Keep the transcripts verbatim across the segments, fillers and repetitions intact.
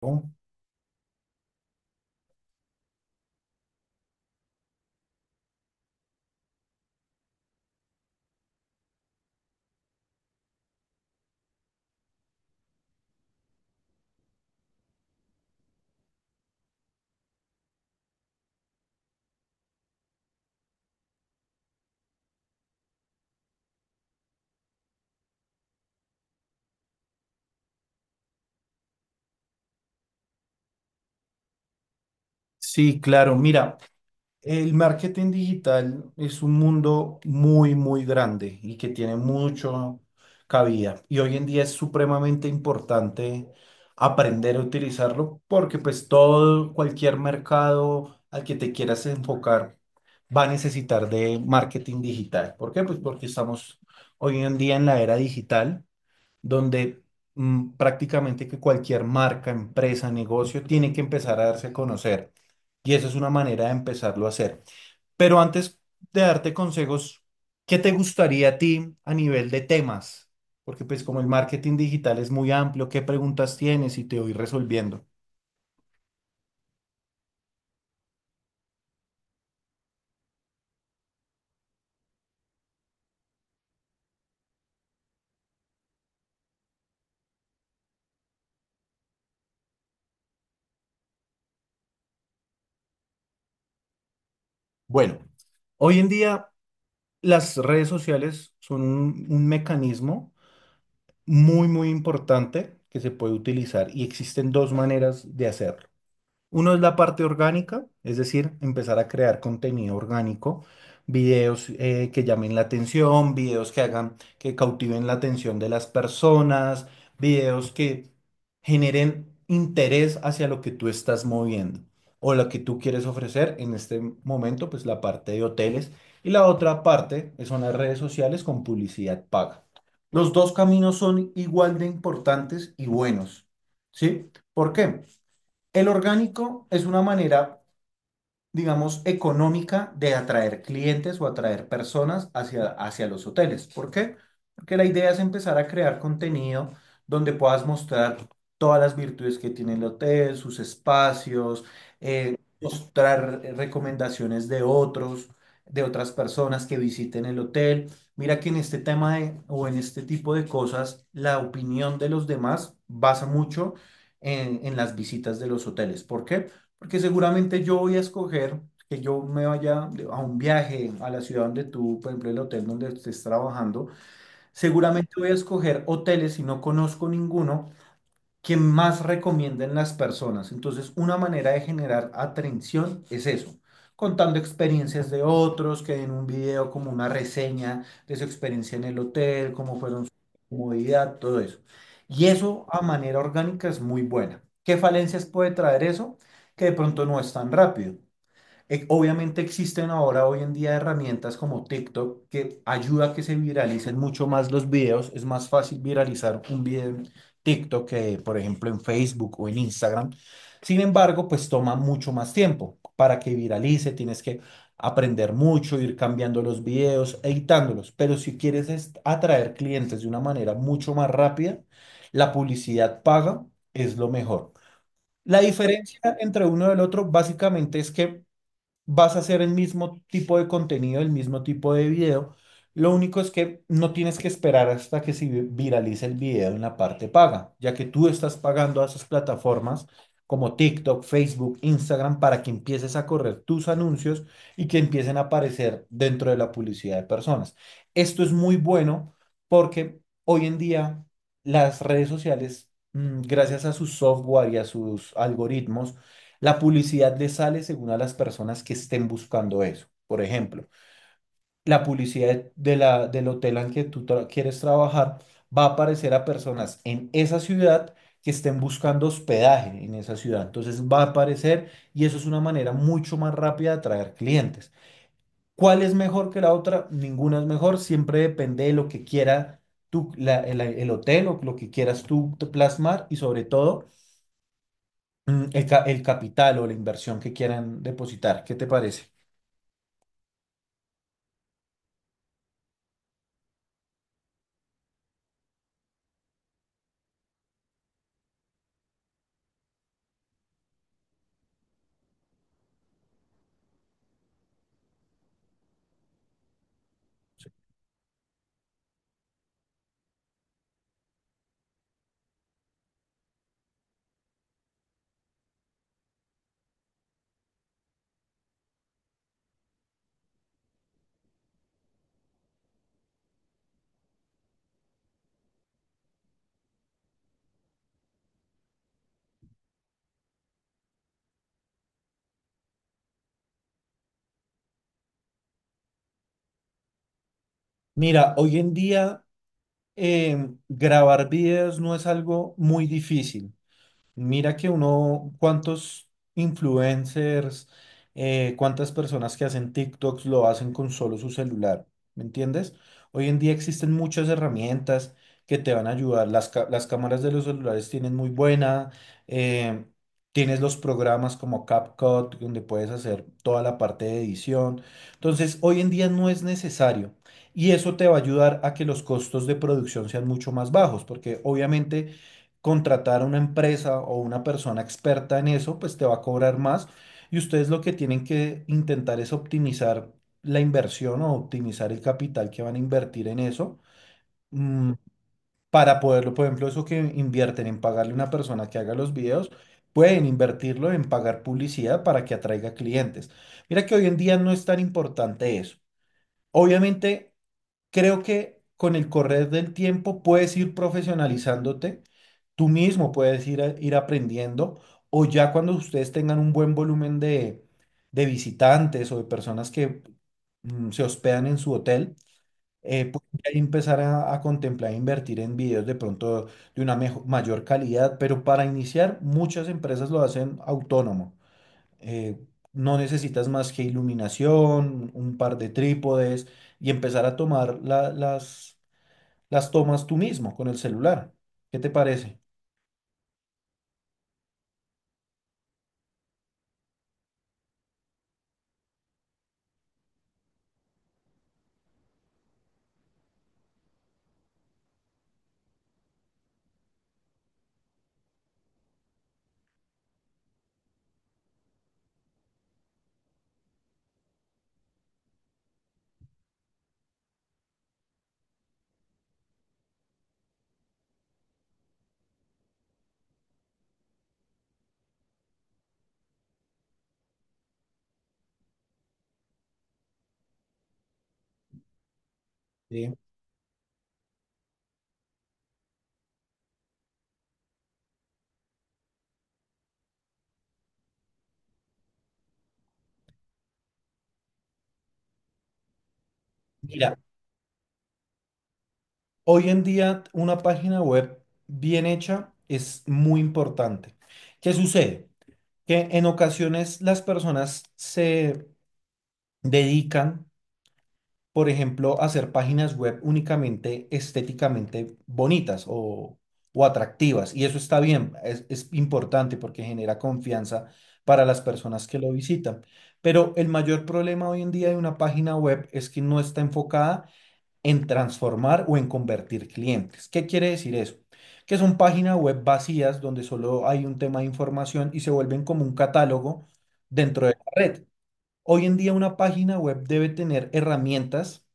¿No? Sí, claro. Mira, el marketing digital es un mundo muy, muy grande y que tiene mucho cabida. Y hoy en día es supremamente importante aprender a utilizarlo porque pues todo, cualquier mercado al que te quieras enfocar va a necesitar de marketing digital. ¿Por qué? Pues porque estamos hoy en día en la era digital donde mm, prácticamente que cualquier marca, empresa, negocio tiene que empezar a darse a conocer. Y esa es una manera de empezarlo a hacer. Pero antes de darte consejos, ¿qué te gustaría a ti a nivel de temas? Porque pues como el marketing digital es muy amplio, ¿qué preguntas tienes? Y te voy resolviendo. Bueno, hoy en día las redes sociales son un, un mecanismo muy, muy importante que se puede utilizar y existen dos maneras de hacerlo. Uno es la parte orgánica, es decir, empezar a crear contenido orgánico, videos eh, que llamen la atención, videos que hagan, que cautiven la atención de las personas, videos que generen interés hacia lo que tú estás moviendo o lo que tú quieres ofrecer. En este momento, pues la parte de hoteles y la otra parte son las redes sociales con publicidad paga. Los dos caminos son igual de importantes y buenos, ¿sí? ¿Por qué? El orgánico es una manera digamos, económica de atraer clientes o atraer personas hacia, hacia los hoteles. ¿Por qué? Porque la idea es empezar a crear contenido donde puedas mostrar todas las virtudes que tiene el hotel, sus espacios, eh, mostrar eh, recomendaciones de otros, de otras personas que visiten el hotel. Mira que en este tema de, o en este tipo de cosas, la opinión de los demás basa mucho en, en las visitas de los hoteles. ¿Por qué? Porque seguramente yo voy a escoger que yo me vaya a un viaje a la ciudad donde tú, por ejemplo, el hotel donde estés trabajando. Seguramente voy a escoger hoteles si no conozco ninguno que más recomienden las personas. Entonces, una manera de generar atención es eso, contando experiencias de otros, que en un video como una reseña de su experiencia en el hotel, cómo fueron su comodidad, todo eso. Y eso a manera orgánica es muy buena. ¿Qué falencias puede traer eso? Que de pronto no es tan rápido. Eh, Obviamente existen ahora hoy en día herramientas como TikTok que ayuda a que se viralicen mucho más los videos. Es más fácil viralizar un video en TikTok que, por ejemplo, en Facebook o en Instagram. Sin embargo, pues toma mucho más tiempo para que viralice. Tienes que aprender mucho, ir cambiando los videos, editándolos. Pero si quieres es- atraer clientes de una manera mucho más rápida, la publicidad paga es lo mejor. La diferencia entre uno y el otro básicamente es que vas a hacer el mismo tipo de contenido, el mismo tipo de video. Lo único es que no tienes que esperar hasta que se vi- viralice el video en la parte paga, ya que tú estás pagando a esas plataformas como TikTok, Facebook, Instagram, para que empieces a correr tus anuncios y que empiecen a aparecer dentro de la publicidad de personas. Esto es muy bueno porque hoy en día las redes sociales, mm, gracias a su software y a sus algoritmos, la publicidad le sale según a las personas que estén buscando eso. Por ejemplo, la publicidad de la, del hotel en que tú tra- quieres trabajar va a aparecer a personas en esa ciudad que estén buscando hospedaje en esa ciudad. Entonces va a aparecer y eso es una manera mucho más rápida de atraer clientes. ¿Cuál es mejor que la otra? Ninguna es mejor. Siempre depende de lo que quiera tú, la- el, el hotel o lo que quieras tú plasmar y sobre todo mm, el, ca- el capital o la inversión que quieran depositar. ¿Qué te parece? Mira, hoy en día em, grabar videos no es algo muy difícil. Mira que uno, cuántos influencers, eh, cuántas personas que hacen TikToks lo hacen con solo su celular, ¿me entiendes? Hoy en día existen muchas herramientas que te van a ayudar. Las, ca- las cámaras de los celulares tienen muy buena, eh, tienes los programas como CapCut, donde puedes hacer toda la parte de edición. Entonces, hoy en día no es necesario. Y eso te va a ayudar a que los costos de producción sean mucho más bajos, porque obviamente contratar a una empresa o una persona experta en eso, pues te va a cobrar más. Y ustedes lo que tienen que intentar es optimizar la inversión o optimizar el capital que van a invertir en eso. mm, para poderlo, por ejemplo, eso que invierten en pagarle a una persona que haga los videos, pueden invertirlo en pagar publicidad para que atraiga clientes. Mira que hoy en día no es tan importante eso. Obviamente creo que con el correr del tiempo puedes ir profesionalizándote, tú mismo puedes ir, a- ir aprendiendo, o ya cuando ustedes tengan un buen volumen de, de visitantes o de personas que mm, se hospedan en su hotel, eh, pueden ya empezar a, a contemplar e invertir en videos de pronto de una mejo- mayor calidad, pero para iniciar muchas empresas lo hacen autónomo eh, no necesitas más que iluminación, un par de trípodes y empezar a tomar la- las, las tomas tú mismo con el celular. ¿Qué te parece? Sí. Mira, hoy en día una página web bien hecha es muy importante. ¿Qué sucede? Que en ocasiones las personas se dedican por ejemplo, hacer páginas web únicamente estéticamente bonitas o, o atractivas. Y eso está bien, es, es importante porque genera confianza para las personas que lo visitan. Pero el mayor problema hoy en día de una página web es que no está enfocada en transformar o en convertir clientes. ¿Qué quiere decir eso? Que son páginas web vacías donde solo hay un tema de información y se vuelven como un catálogo dentro de la red. Hoy en día una página web debe tener herramientas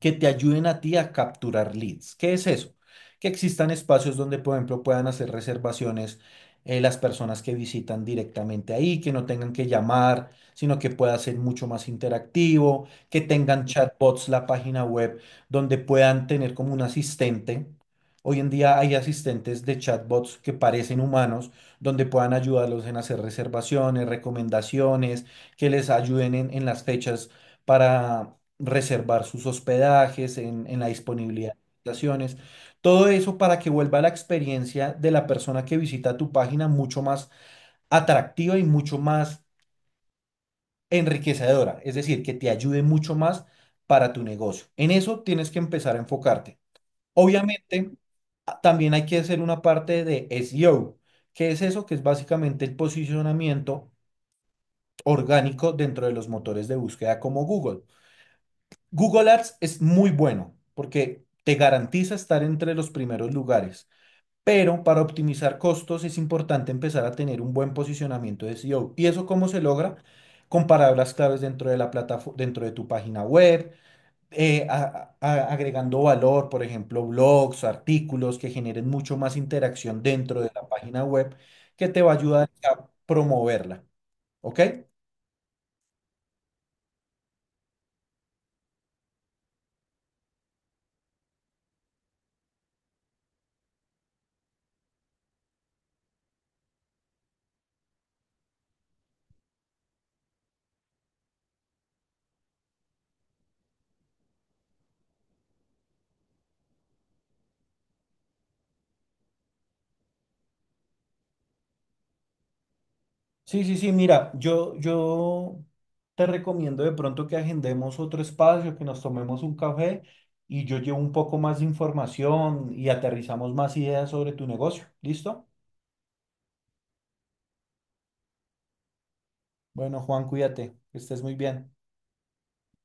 que te ayuden a ti a capturar leads. ¿Qué es eso? Que existan espacios donde, por ejemplo, puedan hacer reservaciones eh, las personas que visitan directamente ahí, que no tengan que llamar, sino que pueda ser mucho más interactivo, que tengan chatbots la página web donde puedan tener como un asistente. Hoy en día hay asistentes de chatbots que parecen humanos, donde puedan ayudarlos en hacer reservaciones, recomendaciones, que les ayuden en en las fechas para reservar sus hospedajes, en, en la disponibilidad de habitaciones, todo eso para que vuelva la experiencia de la persona que visita tu página mucho más atractiva y mucho más enriquecedora, es decir, que te ayude mucho más para tu negocio. En eso tienes que empezar a enfocarte. Obviamente, a- también hay que hacer una parte de S E O. Que es eso? Que es básicamente el posicionamiento orgánico dentro de los motores de búsqueda como Google. Google Ads es muy bueno porque te garantiza estar entre los primeros lugares, pero para optimizar costos es importante empezar a tener un buen posicionamiento de S E O. ¿Y eso cómo se logra? Con palabras claves dentro de la plataforma, dentro de tu página web, eh, a- a- agregando valor, por ejemplo, blogs, artículos que generen mucho más interacción dentro de la página web que te va a ayudar a promoverla. ¿Ok? Sí, sí, sí, mira, yo, yo te recomiendo de pronto que agendemos otro espacio, que nos tomemos un café y yo llevo un poco más de información y aterrizamos más ideas sobre tu negocio. ¿Listo? Bueno, Juan, cuídate, que estés muy bien.